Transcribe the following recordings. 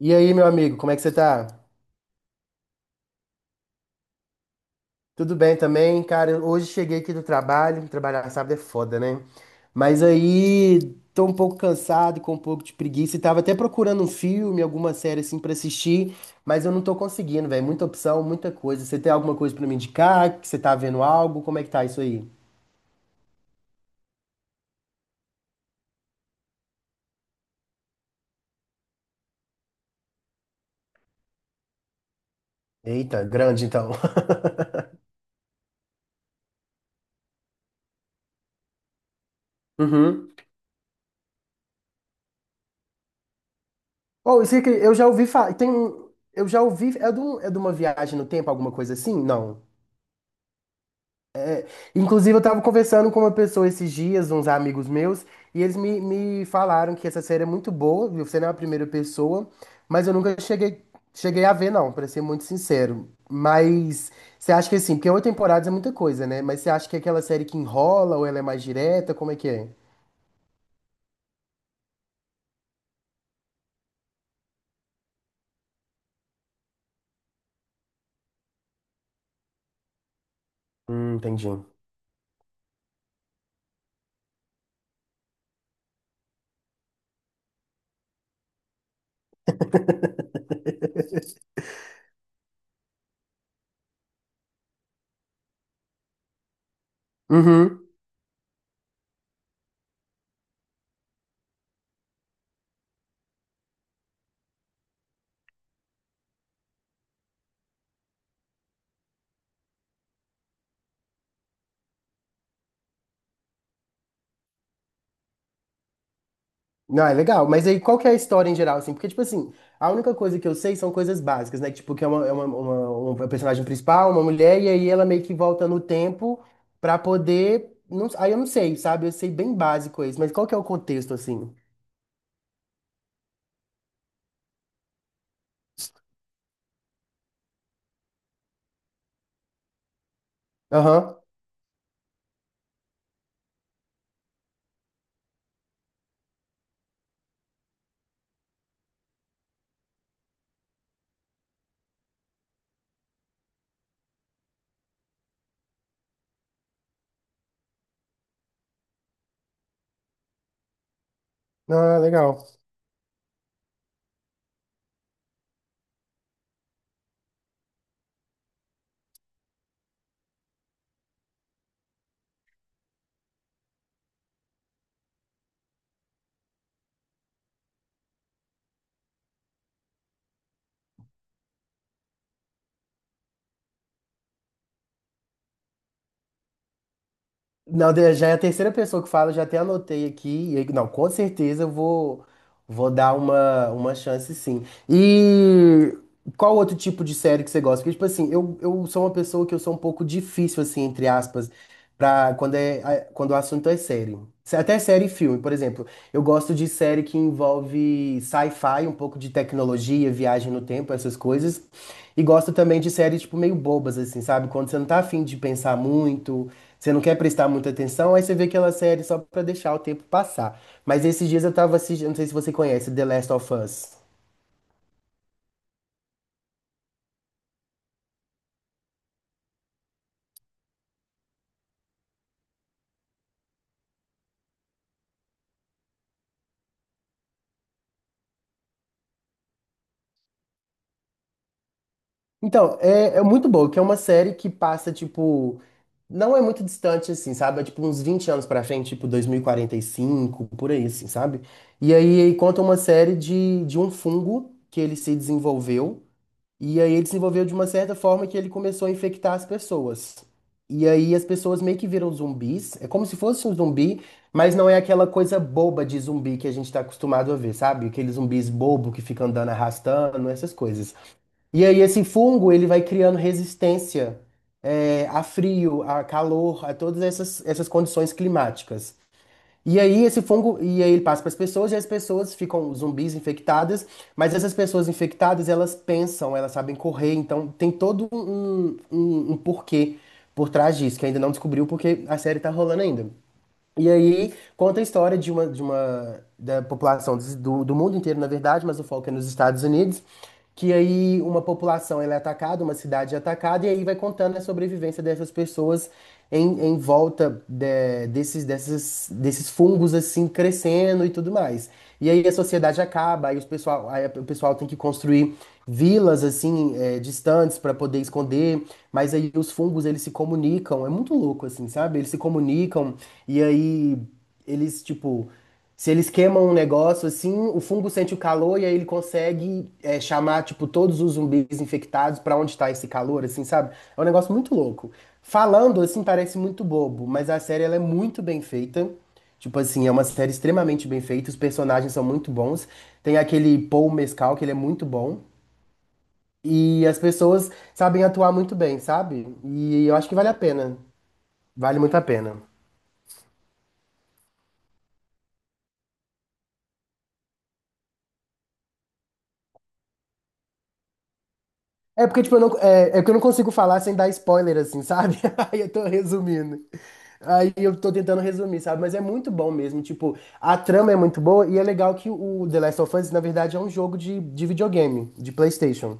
E aí, meu amigo, como é que você tá? Tudo bem também? Cara, hoje cheguei aqui do trabalho, trabalhar sábado é foda, né? Mas aí tô um pouco cansado, com um pouco de preguiça e tava até procurando um filme, alguma série assim pra assistir, mas eu não tô conseguindo, velho. Muita opção, muita coisa. Você tem alguma coisa pra me indicar? Que você tá vendo algo? Como é que tá isso aí? Eita, grande então. Uhum. Oh, isso aqui, eu já ouvi falar, eu já ouvi, é de uma viagem no tempo, alguma coisa assim? Não. Inclusive, eu estava conversando com uma pessoa esses dias, uns amigos meus, e eles me falaram que essa série é muito boa, viu? Você não é a primeira pessoa, mas eu nunca cheguei, cheguei a ver, não, para ser muito sincero. Mas você acha que assim, porque 8 temporadas é muita coisa, né? Mas você acha que é aquela série que enrola ou ela é mais direta? Como é que é? Entendi. Uhum. Não, é legal. Mas aí, qual que é a história em geral, assim? Porque, tipo assim, a única coisa que eu sei são coisas básicas, né? Tipo, que é uma personagem principal, uma mulher, e aí ela meio que volta no tempo pra poder... Não, aí eu não sei, sabe? Eu sei bem básico isso. Mas qual que é o contexto, assim? Aham. Ah, legal. Não, já é a terceira pessoa que fala, já até anotei aqui. E aí- Não, com certeza vou dar uma chance, sim. E qual outro tipo de série que você gosta? Porque, tipo assim, eu sou uma pessoa que eu sou um pouco difícil, assim, entre aspas, pra quando, quando o assunto é série. Até série e filme, por exemplo. Eu gosto de série que envolve sci-fi, um pouco de tecnologia, viagem no tempo, essas coisas. E gosto também de séries, tipo, meio bobas, assim, sabe? Quando você não tá afim de pensar muito, você não quer prestar muita atenção, aí você vê aquela série só pra deixar o tempo passar. Mas esses dias eu tava assistindo, não sei se você conhece, The Last of Us. Então, é muito boa, que é uma série que passa, tipo, não é muito distante, assim, sabe? É, tipo, uns 20 anos pra frente, tipo, dois mil e quarenta e cinco por aí, assim, sabe? E aí conta uma série de um fungo que ele se desenvolveu. E aí ele desenvolveu de uma certa forma que ele começou a infectar as pessoas. E aí as pessoas meio que viram zumbis. É como se fosse um zumbi, mas não é aquela coisa boba de zumbi que a gente tá acostumado a ver, sabe? Aqueles zumbis bobo que ficam andando arrastando, essas coisas. E aí esse fungo, ele vai criando resistência, a frio, a calor, a todas essas condições climáticas. E aí esse fungo, e aí ele passa para as pessoas, e as pessoas ficam zumbis infectadas, mas essas pessoas infectadas, elas pensam, elas sabem correr, então tem todo um porquê por trás disso, que ainda não descobriu porque a série tá rolando ainda. E aí conta a história de uma da população do mundo inteiro, na verdade, mas o foco é nos Estados Unidos, que aí uma população ela é atacada, uma cidade é atacada, e aí vai contando a sobrevivência dessas pessoas em volta desses fungos assim crescendo e tudo mais. E aí a sociedade acaba, aí, o pessoal tem que construir vilas assim, distantes para poder esconder, mas aí os fungos eles se comunicam, é muito louco assim, sabe? Eles se comunicam e aí eles tipo, se eles queimam um negócio assim, o fungo sente o calor e aí ele consegue, chamar tipo todos os zumbis infectados para onde está esse calor, assim, sabe? É um negócio muito louco. Falando assim parece muito bobo, mas a série ela é muito bem feita. Tipo assim, é uma série extremamente bem feita, os personagens são muito bons. Tem aquele Paul Mescal, que ele é muito bom. E as pessoas sabem atuar muito bem, sabe? E eu acho que vale a pena. Vale muito a pena. É porque, tipo, eu não, é que eu não consigo falar sem dar spoiler, assim, sabe? Aí eu tô resumindo. Aí eu tô tentando resumir, sabe? Mas é muito bom mesmo. Tipo, a trama é muito boa e é legal que o The Last of Us, na verdade, é um jogo de videogame, de PlayStation.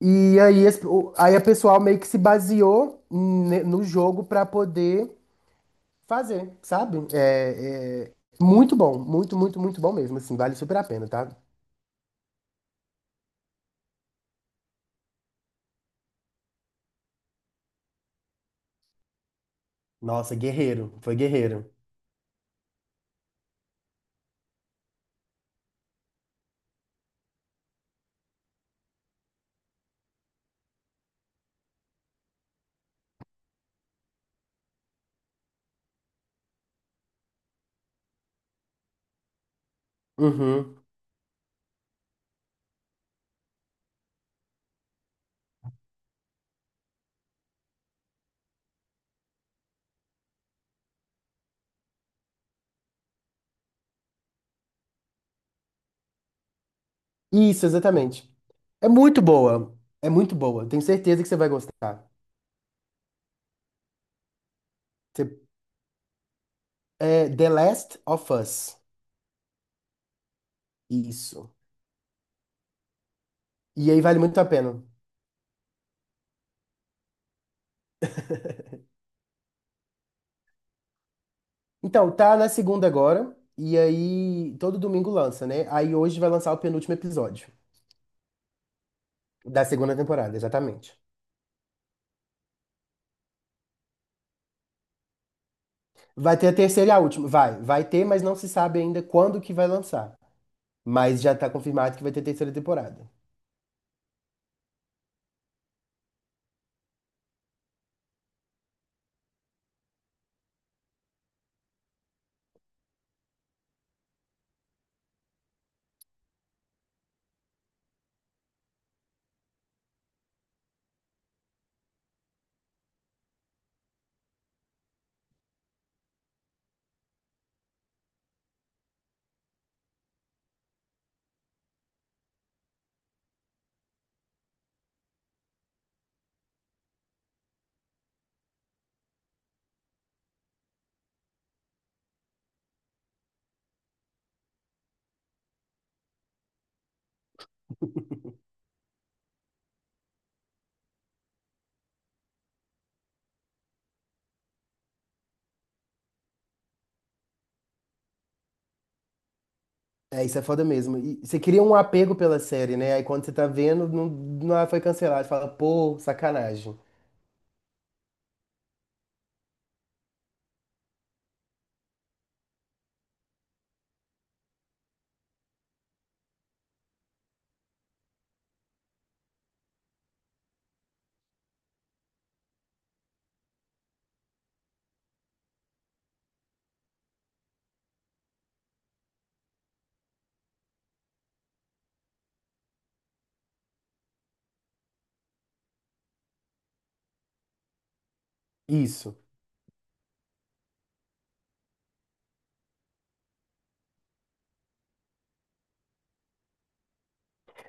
E aí, aí a pessoal meio que se baseou no jogo pra poder fazer, sabe? É muito bom, muito, muito, muito bom mesmo, assim, vale super a pena, tá? Nossa, guerreiro, foi guerreiro. Uhum. Isso, exatamente. É muito boa, tenho certeza que você vai gostar. Você- É The Last of Us, isso. E aí vale muito a pena. Então, tá na segunda agora, e aí todo domingo lança, né? Aí hoje vai lançar o penúltimo episódio da segunda temporada, exatamente. Vai ter a terceira e a última. Vai ter, mas não se sabe ainda quando que vai lançar. Mas já tá confirmado que vai ter terceira temporada. É, isso é foda mesmo. E você cria um apego pela série, né? Aí quando você tá vendo, não, não ela foi cancelada. Você fala, pô, sacanagem. Isso.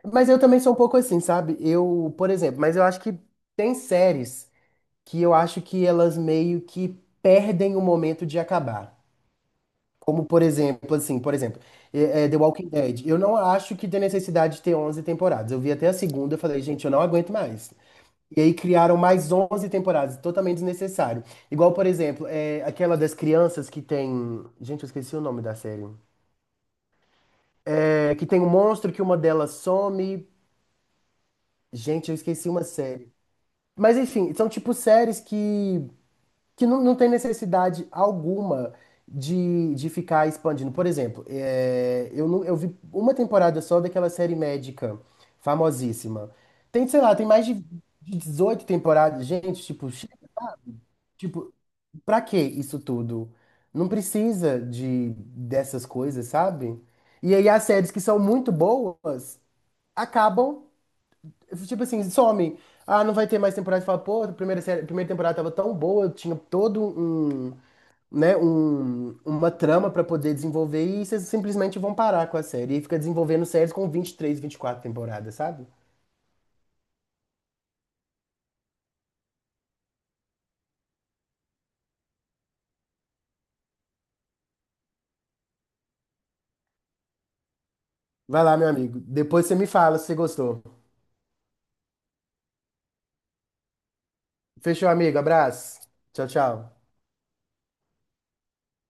Mas eu também sou um pouco assim, sabe? Eu, por exemplo, mas eu acho que tem séries que eu acho que elas meio que perdem o momento de acabar. Como, por exemplo, assim, por exemplo, The Walking Dead. Eu não acho que tem necessidade de ter 11 temporadas. Eu vi até a segunda e falei, gente, eu não aguento mais. E aí criaram mais 11 temporadas, totalmente desnecessário. Igual, por exemplo, aquela das crianças que tem... Gente, eu esqueci o nome da série. É, que tem um monstro que uma delas some. Gente, eu esqueci uma série. Mas, enfim, são tipo séries que não, não tem necessidade alguma de ficar expandindo. Por exemplo, não, eu vi uma temporada só daquela série médica famosíssima. Tem, sei lá, tem mais de 18 temporadas. Gente, tipo, tipo, pra que isso tudo? Não precisa de dessas coisas, sabe? E aí as séries que são muito boas acabam, tipo assim, somem. Ah, não vai ter mais temporada. Fala, pô, a primeira série, a primeira temporada tava tão boa, tinha todo um, né, uma trama pra poder desenvolver e vocês simplesmente vão parar com a série. E fica desenvolvendo séries com 20 23 24 temporadas, sabe? Vai lá, meu amigo. Depois você me fala se você gostou. Fechou, amigo. Abraço. Tchau, tchau.